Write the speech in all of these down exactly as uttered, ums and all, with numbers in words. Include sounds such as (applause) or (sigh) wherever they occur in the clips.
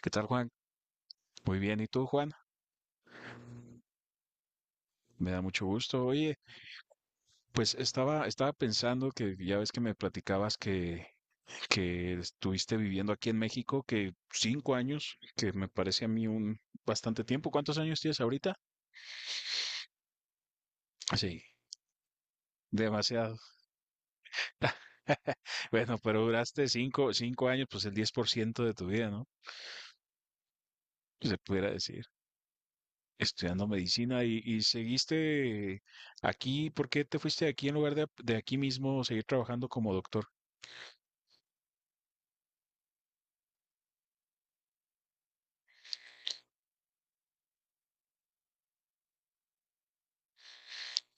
¿Qué tal, Juan? Muy bien, ¿y tú, Juan? Me da mucho gusto. Oye, pues estaba, estaba pensando que ya ves que me platicabas que, que estuviste viviendo aquí en México, que cinco años, que me parece a mí un bastante tiempo. ¿Cuántos años tienes ahorita? Sí, demasiado. (laughs) Bueno, pero duraste cinco, cinco años, pues el diez por ciento de tu vida, ¿no? Se pudiera decir, estudiando medicina y, y seguiste aquí. ¿Por qué te fuiste de aquí en lugar de, de aquí mismo seguir trabajando como doctor?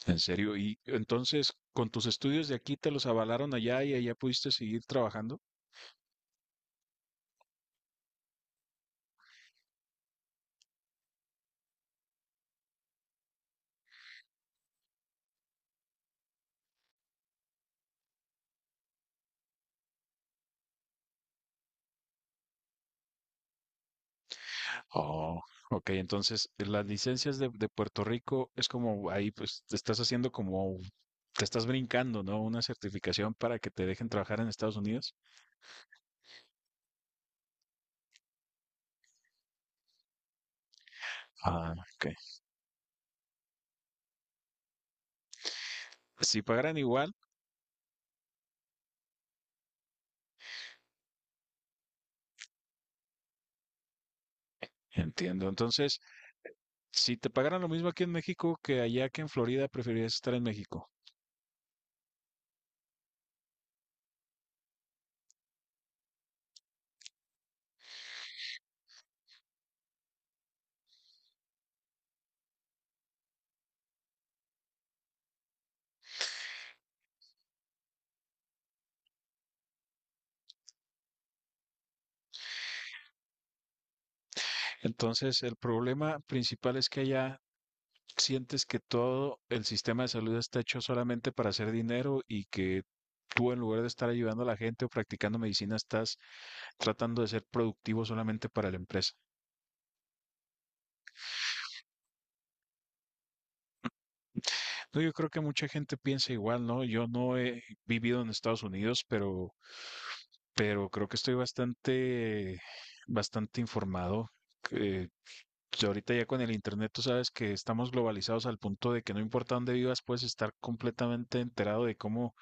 En serio, y entonces con tus estudios de aquí te los avalaron allá y allá pudiste seguir trabajando. Oh, ok, entonces las licencias de, de Puerto Rico es como ahí pues te estás haciendo como te estás brincando, ¿no? Una certificación para que te dejen trabajar en Estados Unidos. Ah, ok. Si pagaran igual, entiendo. Entonces, si te pagaran lo mismo aquí en México que allá que en Florida, preferirías estar en México. Entonces, el problema principal es que allá sientes que todo el sistema de salud está hecho solamente para hacer dinero y que tú en lugar de estar ayudando a la gente o practicando medicina estás tratando de ser productivo solamente para la empresa. No, yo creo que mucha gente piensa igual, ¿no? Yo no he vivido en Estados Unidos, pero, pero creo que estoy bastante, bastante informado. eh, que ahorita ya con el internet tú sabes que estamos globalizados al punto de que no importa dónde vivas, puedes estar completamente enterado de cómo,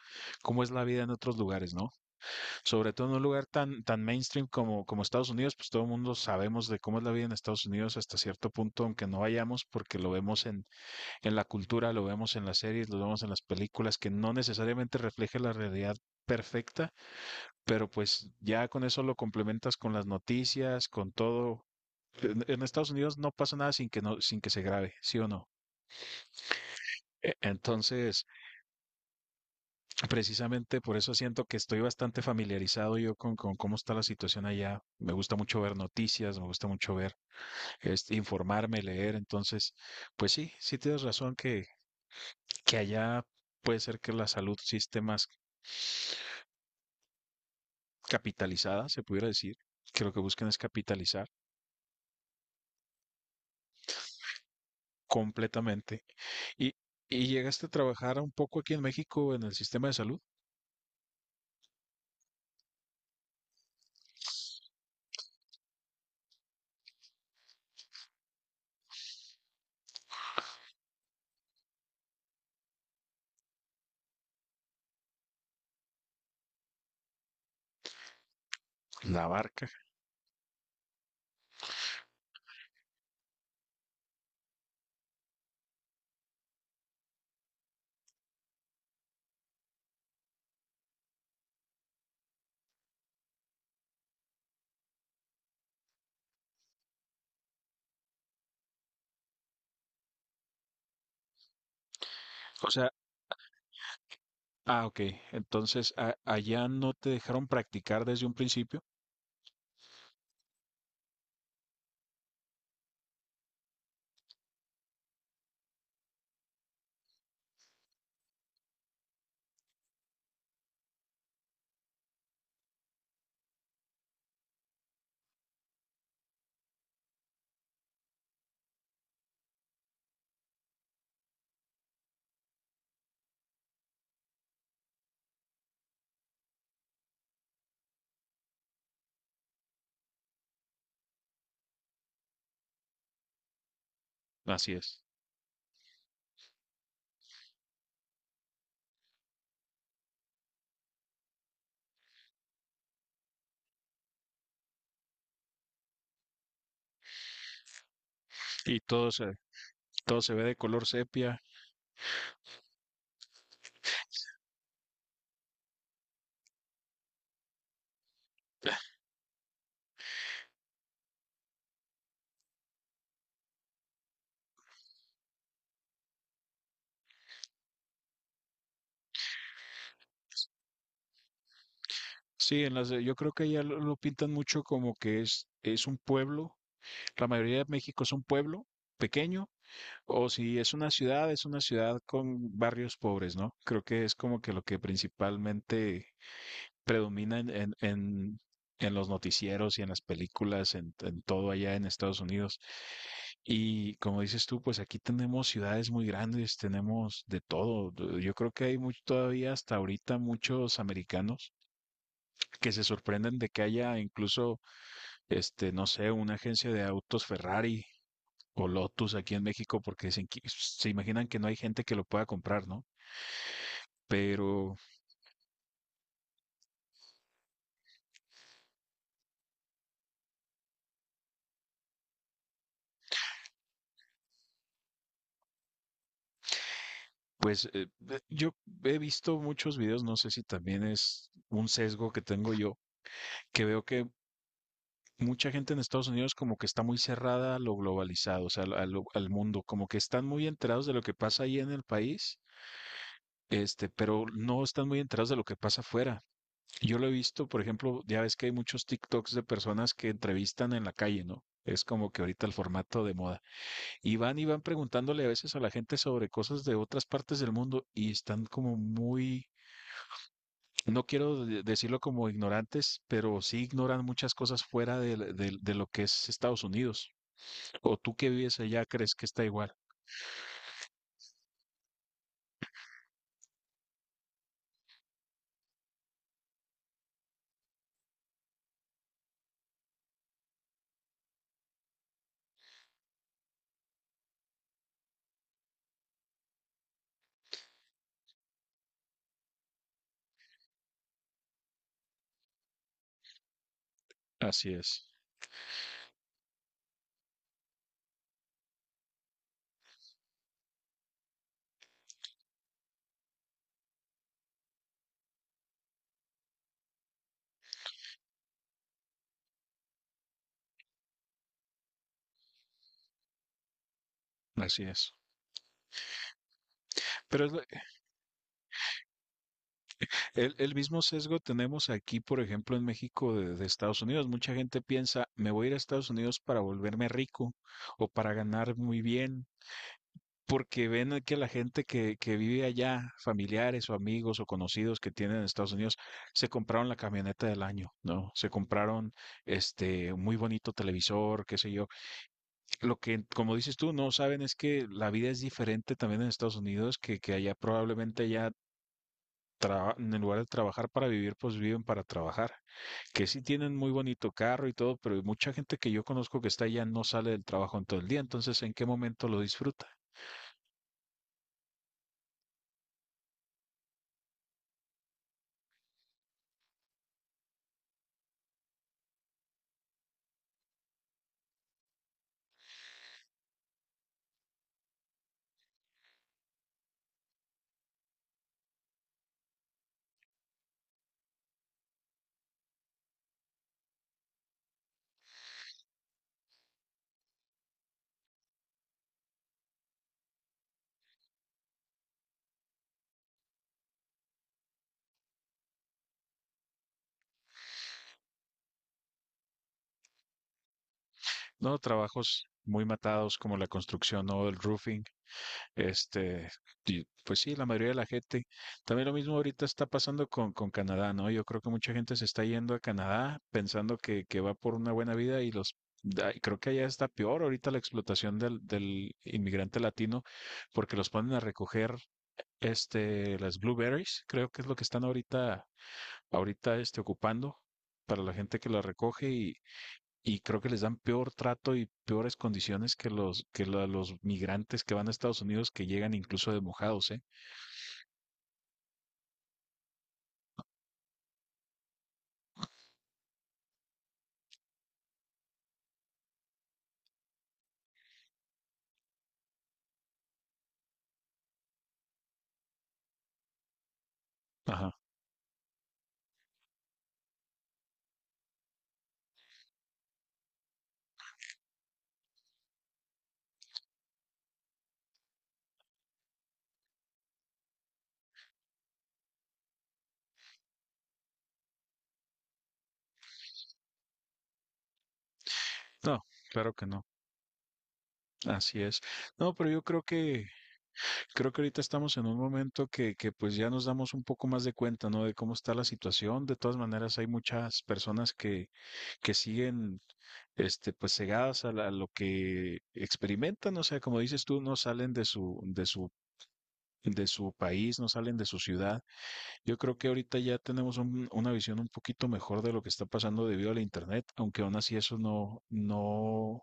cómo es la vida en otros lugares, ¿no? Sobre todo en un lugar tan, tan mainstream como, como Estados Unidos, pues todo el mundo sabemos de cómo es la vida en Estados Unidos hasta cierto punto, aunque no vayamos, porque lo vemos en, en la cultura, lo vemos en las series, lo vemos en las películas, que no necesariamente refleja la realidad perfecta, pero pues ya con eso lo complementas con las noticias, con todo. En, en Estados Unidos no pasa nada sin que no, sin que se grabe, ¿sí o no? E- Entonces, precisamente por eso siento que estoy bastante familiarizado yo con, con cómo está la situación allá. Me gusta mucho ver noticias, me gusta mucho ver, este, informarme, leer. Entonces, pues sí, sí tienes razón que, que allá puede ser que la salud sí esté más capitalizada, se pudiera decir, que lo que buscan es capitalizar completamente. ¿Y, y llegaste a trabajar un poco aquí en México en el sistema de salud? La barca. O sea, ah, ok. Entonces, a- allá no te dejaron practicar desde un principio. Así es. Y todo se, todo se ve de color sepia. Sí, en las, de- yo creo que allá lo, lo pintan mucho como que es, es un pueblo. La mayoría de México es un pueblo pequeño, o si es una ciudad, es una ciudad con barrios pobres, ¿no? Creo que es como que lo que principalmente predomina en, en, en- en los noticieros y en las películas, en, en todo allá en Estados Unidos. Y como dices tú, pues aquí tenemos ciudades muy grandes, tenemos de todo. Yo yo creo que hay mucho, todavía hasta ahorita muchos americanos que se sorprenden de que haya incluso, este, no sé, una agencia de autos Ferrari o Lotus aquí en México porque dicen que- se imaginan que no hay gente que lo pueda comprar, ¿no? Pero pues eh, ve- yo he visto muchos videos, no sé si también es un sesgo que tengo yo, que veo que mucha gente en Estados Unidos como que está muy cerrada a lo globalizado, o sea, al, al- al mundo, como que están muy enterados de lo que pasa ahí en el país, este, pero no están muy enterados de lo que pasa afuera. Yo lo he visto, por ejemplo, ya ves que hay muchos TikToks de personas que entrevistan en la calle, ¿no? Es como que ahorita el formato de moda. Y van y van preguntándole a veces a la gente sobre cosas de otras partes del mundo y están como muy, no quiero de- decirlo como ignorantes, pero sí ignoran muchas cosas fuera del- del- de, de lo que es Estados Unidos. O tú que vives allá crees que está igual. Así es, así es. Pero es lo- el, el mismo sesgo tenemos aquí, por ejemplo, en México de, de Estados Unidos. Mucha gente piensa, me voy a ir a Estados Unidos para volverme rico o para ganar muy bien porque ven que la gente que, que vive allá, familiares o amigos o conocidos que tienen en Estados Unidos, se compraron la camioneta del año, ¿no? Se compraron este un muy bonito televisor, qué sé yo. Lo que, como dices tú, no saben es que la vida es diferente también en Estados Unidos, que, que allá probablemente ya traba- en lugar de trabajar para vivir, pues viven para trabajar. Que sí tienen muy bonito carro y todo, pero mucha gente que yo conozco que está allá no sale del trabajo en todo el día, entonces ¿en qué momento lo disfruta? No, trabajos muy matados como la construcción o el roofing. Este, y, pues sí, la mayoría de la gente. También lo mismo ahorita está pasando con, con Canadá, ¿no? Yo creo que mucha gente se está yendo a Canadá pensando que, que va por una buena vida y los da- y creo que allá está peor ahorita la explotación del, del inmigrante latino porque los ponen a recoger este las blueberries, creo que es lo que están ahorita ahorita este ocupando para la gente que las recoge y y creo que les dan peor trato y peores condiciones que los que la- los migrantes que van a Estados Unidos que llegan incluso de mojados, ¿eh? Ajá. No, claro que no. Así es. No, pero yo creo que creo que ahorita estamos en un momento que que pues ya nos damos un poco más de cuenta, ¿no? De cómo está la situación. De todas maneras, hay muchas personas que que siguen este pues cegadas a, la- a lo que experimentan, o sea, como dices tú, no salen de su de su de su país, no salen de su ciudad. Yo creo que ahorita ya tenemos un- una visión un poquito mejor de lo que está pasando debido al internet, aunque aún así eso no, no,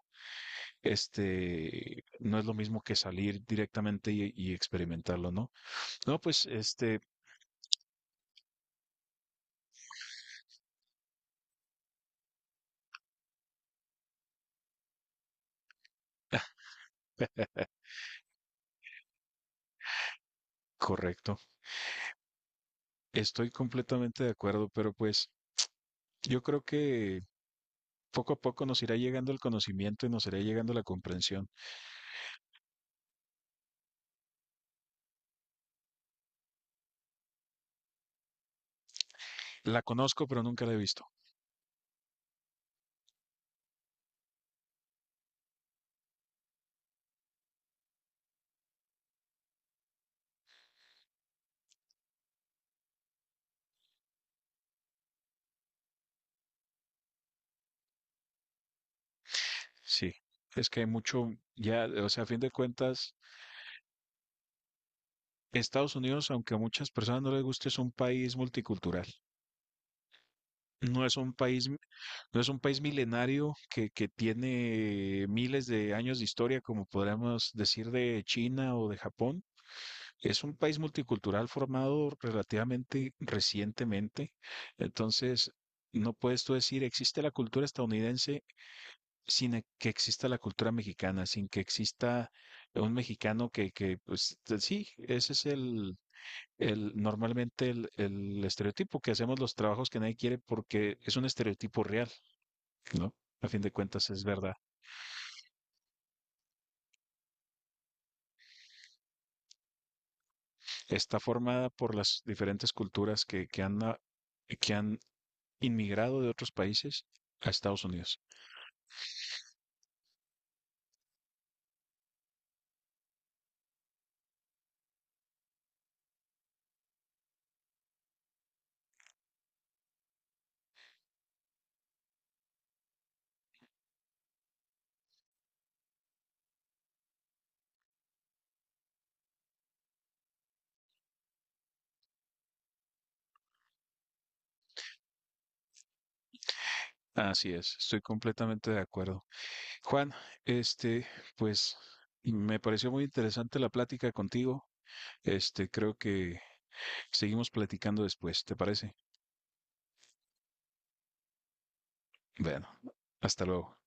este, no es lo mismo que salir directamente y, y experimentarlo, ¿no? No, pues, este, correcto. Estoy completamente de acuerdo, pero pues yo creo que poco a poco nos irá llegando el conocimiento y nos irá llegando la comprensión. La conozco, pero nunca la he visto. Sí, es que hay mucho, ya, o sea, a fin de cuentas. Estados Unidos, aunque a muchas personas no les guste, es un país multicultural. No es un país, mi- no es un país milenario que, que tiene miles de años de historia, como podríamos decir de China o de Japón. Es un país multicultural formado relativamente recientemente. Entonces, no puedes tú decir existe la cultura estadounidense sin e- que exista la cultura mexicana, sin que exista un mexicano que, que pues sí, ese es el el, normalmente el, el estereotipo que hacemos los trabajos que nadie quiere porque es un estereotipo real, ¿no? A fin de cuentas es verdad. Está formada por las diferentes culturas que, que han, a- que han inmigrado de otros países a Estados Unidos. Así es, estoy completamente de acuerdo. Juan, este, pues me pareció muy interesante la plática contigo. Este, creo que seguimos platicando después, ¿te parece? Bueno, hasta luego.